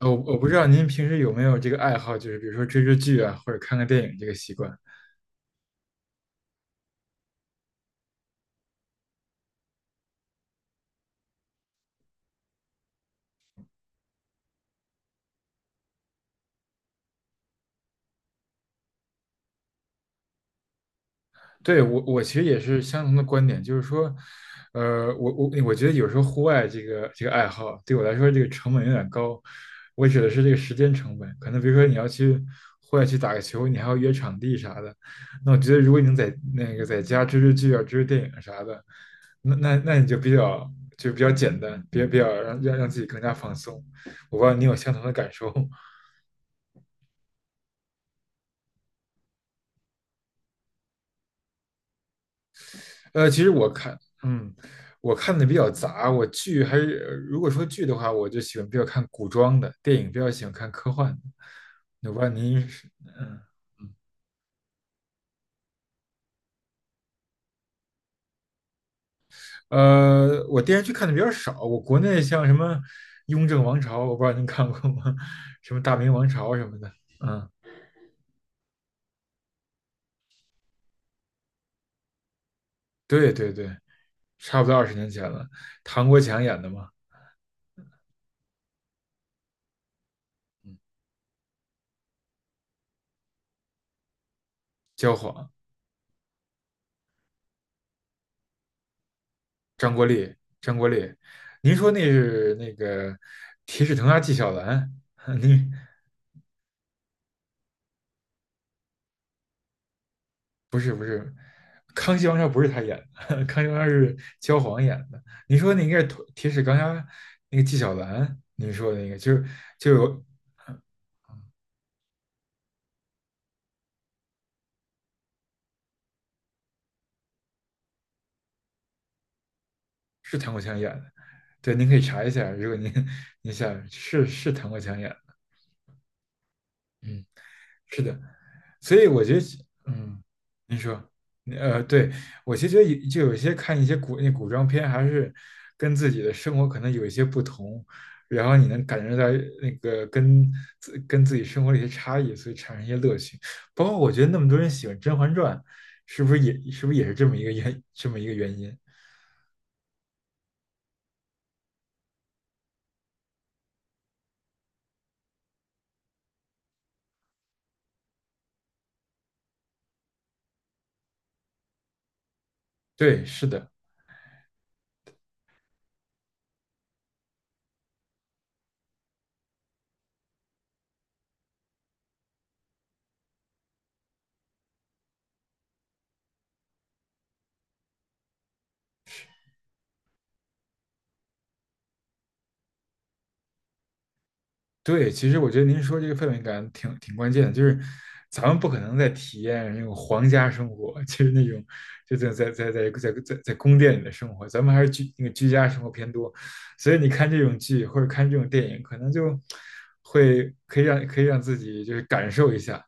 我不知道您平时有没有这个爱好，就是比如说追剧啊，或者看看电影这个习惯。对，我其实也是相同的观点，就是说，我觉得有时候户外这个爱好对我来说这个成本有点高。我指的是这个时间成本，可能比如说你要去户外去打个球，你还要约场地啥的。那我觉得如果你能在那个在家追追剧啊、追追电影啥的，那你就比较简单，比较让自己更加放松。我不知道你有相同的感受吗。其实我看，我看的比较杂。我剧还是，如果说剧的话，我就喜欢比较看古装的，电影比较喜欢看科幻的。我不知道您是，嗯，我电视剧看的比较少。我国内像什么《雍正王朝》，我不知道您看过吗？什么《大明王朝》什么的。嗯，对，差不多20年前了。唐国强演的嘛，焦晃、张国立、张国立。您说那是那个铁齿铜牙纪晓岚？您康熙王朝不是他演的，康熙王朝是焦晃演的。你说那应该是铁齿钢牙那个纪晓岚，您说那个就是就有是唐国强演的，对，您可以查一下，如果您想是是唐国强演的，嗯。是的，所以我觉得，嗯，您说，对，我其实觉得有就有一些看一些古装片，还是跟自己的生活可能有一些不同，然后你能感觉到那个跟自己生活的一些差异，所以产生一些乐趣。包括我觉得那么多人喜欢《甄嬛传》，是不是也是这么一个原因？对，是的。对，其实我觉得您说这个氛围感挺挺关键的，就是咱们不可能再体验那种皇家生活，就是那种就在宫殿里的生活，咱们还是居那个居家生活偏多，所以你看这种剧或者看这种电影，可能就可以让自己就是感受一下，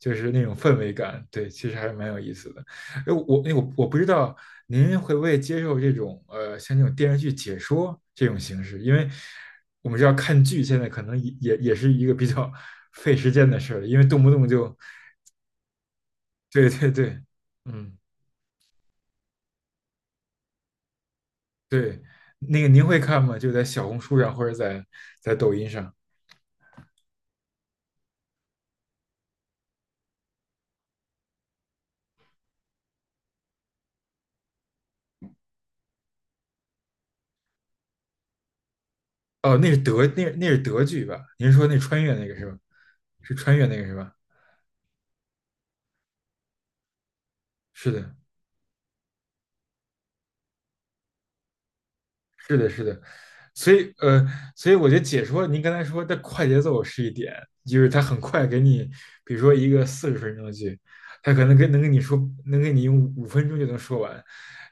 就是那种氛围感，对，其实还是蛮有意思的。哎，我那我我不知道您会不会接受这种像这种电视剧解说这种形式，因为我们知道看剧现在可能也是一个比较 费时间的事儿，因为动不动就对，嗯对，那个您会看吗？就在小红书上或者在在抖音上？哦，那是那是德剧吧？您说那穿越那个是吧？是穿越那个是吧？是的，是的，所以所以我觉得解说您刚才说的快节奏是一点，就是他很快给你，比如说一个40分钟的剧，他可能跟你说，能给你用5分钟就能说完，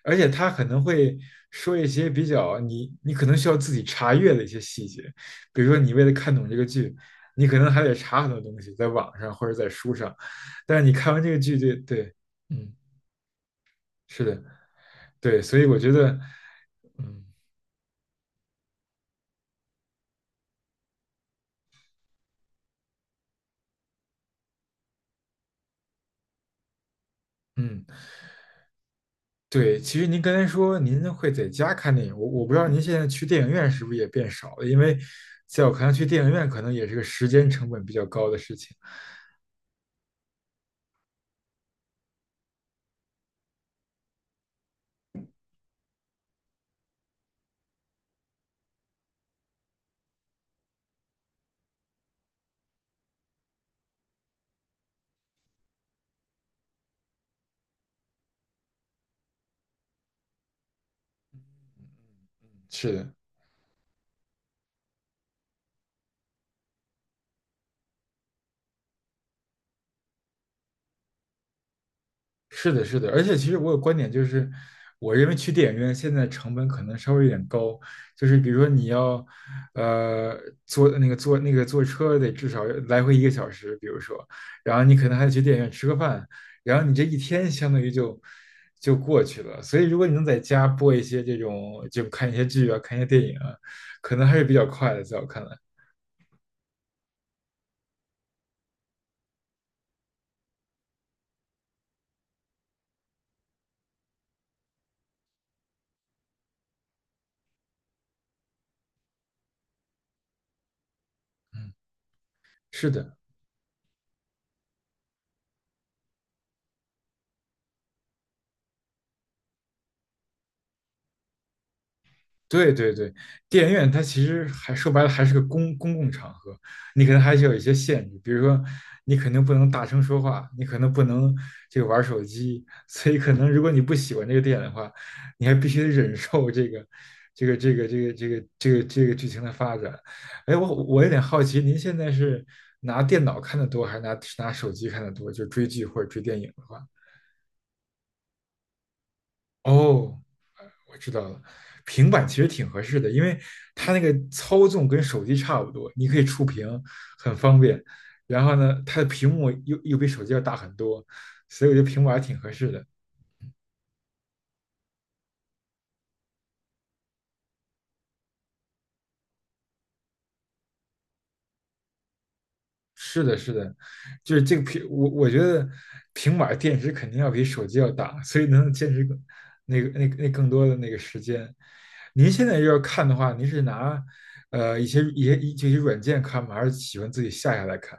而且他可能会说一些你可能需要自己查阅的一些细节，比如说你为了看懂这个剧，你可能还得查很多东西，在网上或者在书上，但是你看完这个剧就对，嗯，是的，对，所以我觉得，嗯嗯。对，其实您刚才说您会在家看电影，我不知道您现在去电影院是不是也变少了，因为在我看来，去电影院可能也是个时间成本比较高的事情。是的，是的，而且其实我有观点，就是我认为去电影院现在成本可能稍微有点高，就是比如说你要，呃，坐那个坐那个坐车得至少来回1个小时，比如说，然后你可能还得去电影院吃个饭，然后你这一天相当于就过去了。所以如果你能在家播一些这种，就看一些剧啊，看一些电影啊，可能还是比较快的，在我看来，嗯，是的。对，电影院它其实还说白了还是个公共场合，你可能还是有一些限制，比如说你肯定不能大声说话，你可能不能这个玩手机，所以可能如果你不喜欢这个电影的话，你还必须得忍受这个剧情的发展。哎，我有点好奇，您现在是拿电脑看的多，还是拿手机看的多？就追剧或者追电影的话，哦，我知道了，平板其实挺合适的，因为它那个操纵跟手机差不多，你可以触屏，很方便。然后呢，它的屏幕又比手机要大很多，所以我觉得平板挺合适的。是的，是的，就是这个屏，我觉得平板电池肯定要比手机要大，所以能坚持更那个那个那更多的那个时间。您现在要看的话，您是拿呃一些一些一这些软件看吗？还是喜欢自己下下来看？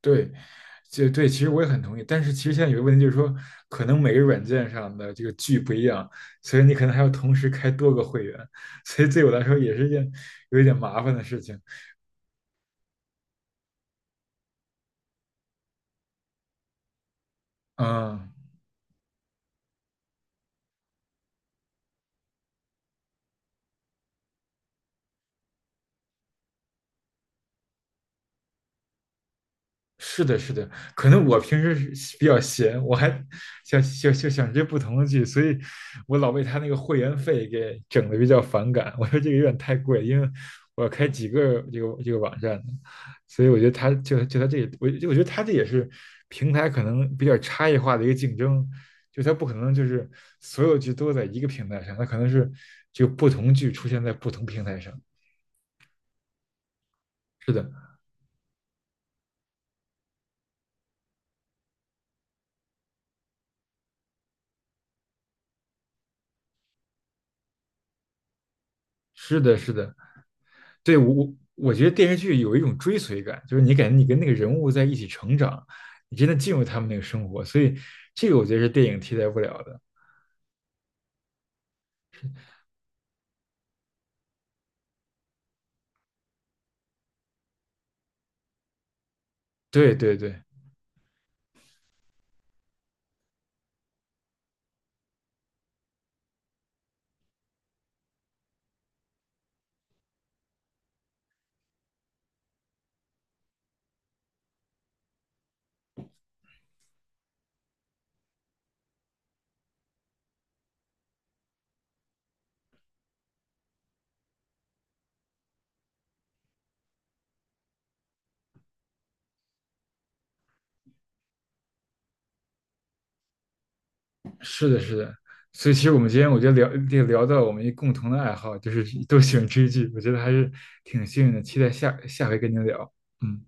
对，就对，其实我也很同意。但是其实现在有个问题就是说，可能每个软件上的这个剧不一样，所以你可能还要同时开多个会员，所以对我来说也是一件有一点麻烦的事情。嗯。是的，是的，可能我平时是比较闲，我还想这不同的剧，所以我老被他那个会员费给整的比较反感。我说这个有点太贵，因为我要开几个这个网站呢，所以我觉得他就就他这，也我觉得他这也是平台可能比较差异化的一个竞争，就他不可能就是所有剧都在一个平台上，他可能是就不同剧出现在不同平台上。是的，是的。对，我觉得电视剧有一种追随感，就是你感觉你跟那个人物在一起成长，你真的进入他们那个生活，所以这个我觉得是电影替代不了的。对，是的。所以其实我们今天我觉得聊这个聊到我们一共同的爱好，就是都喜欢追剧，我觉得还是挺幸运的。期待下下回跟您聊，嗯。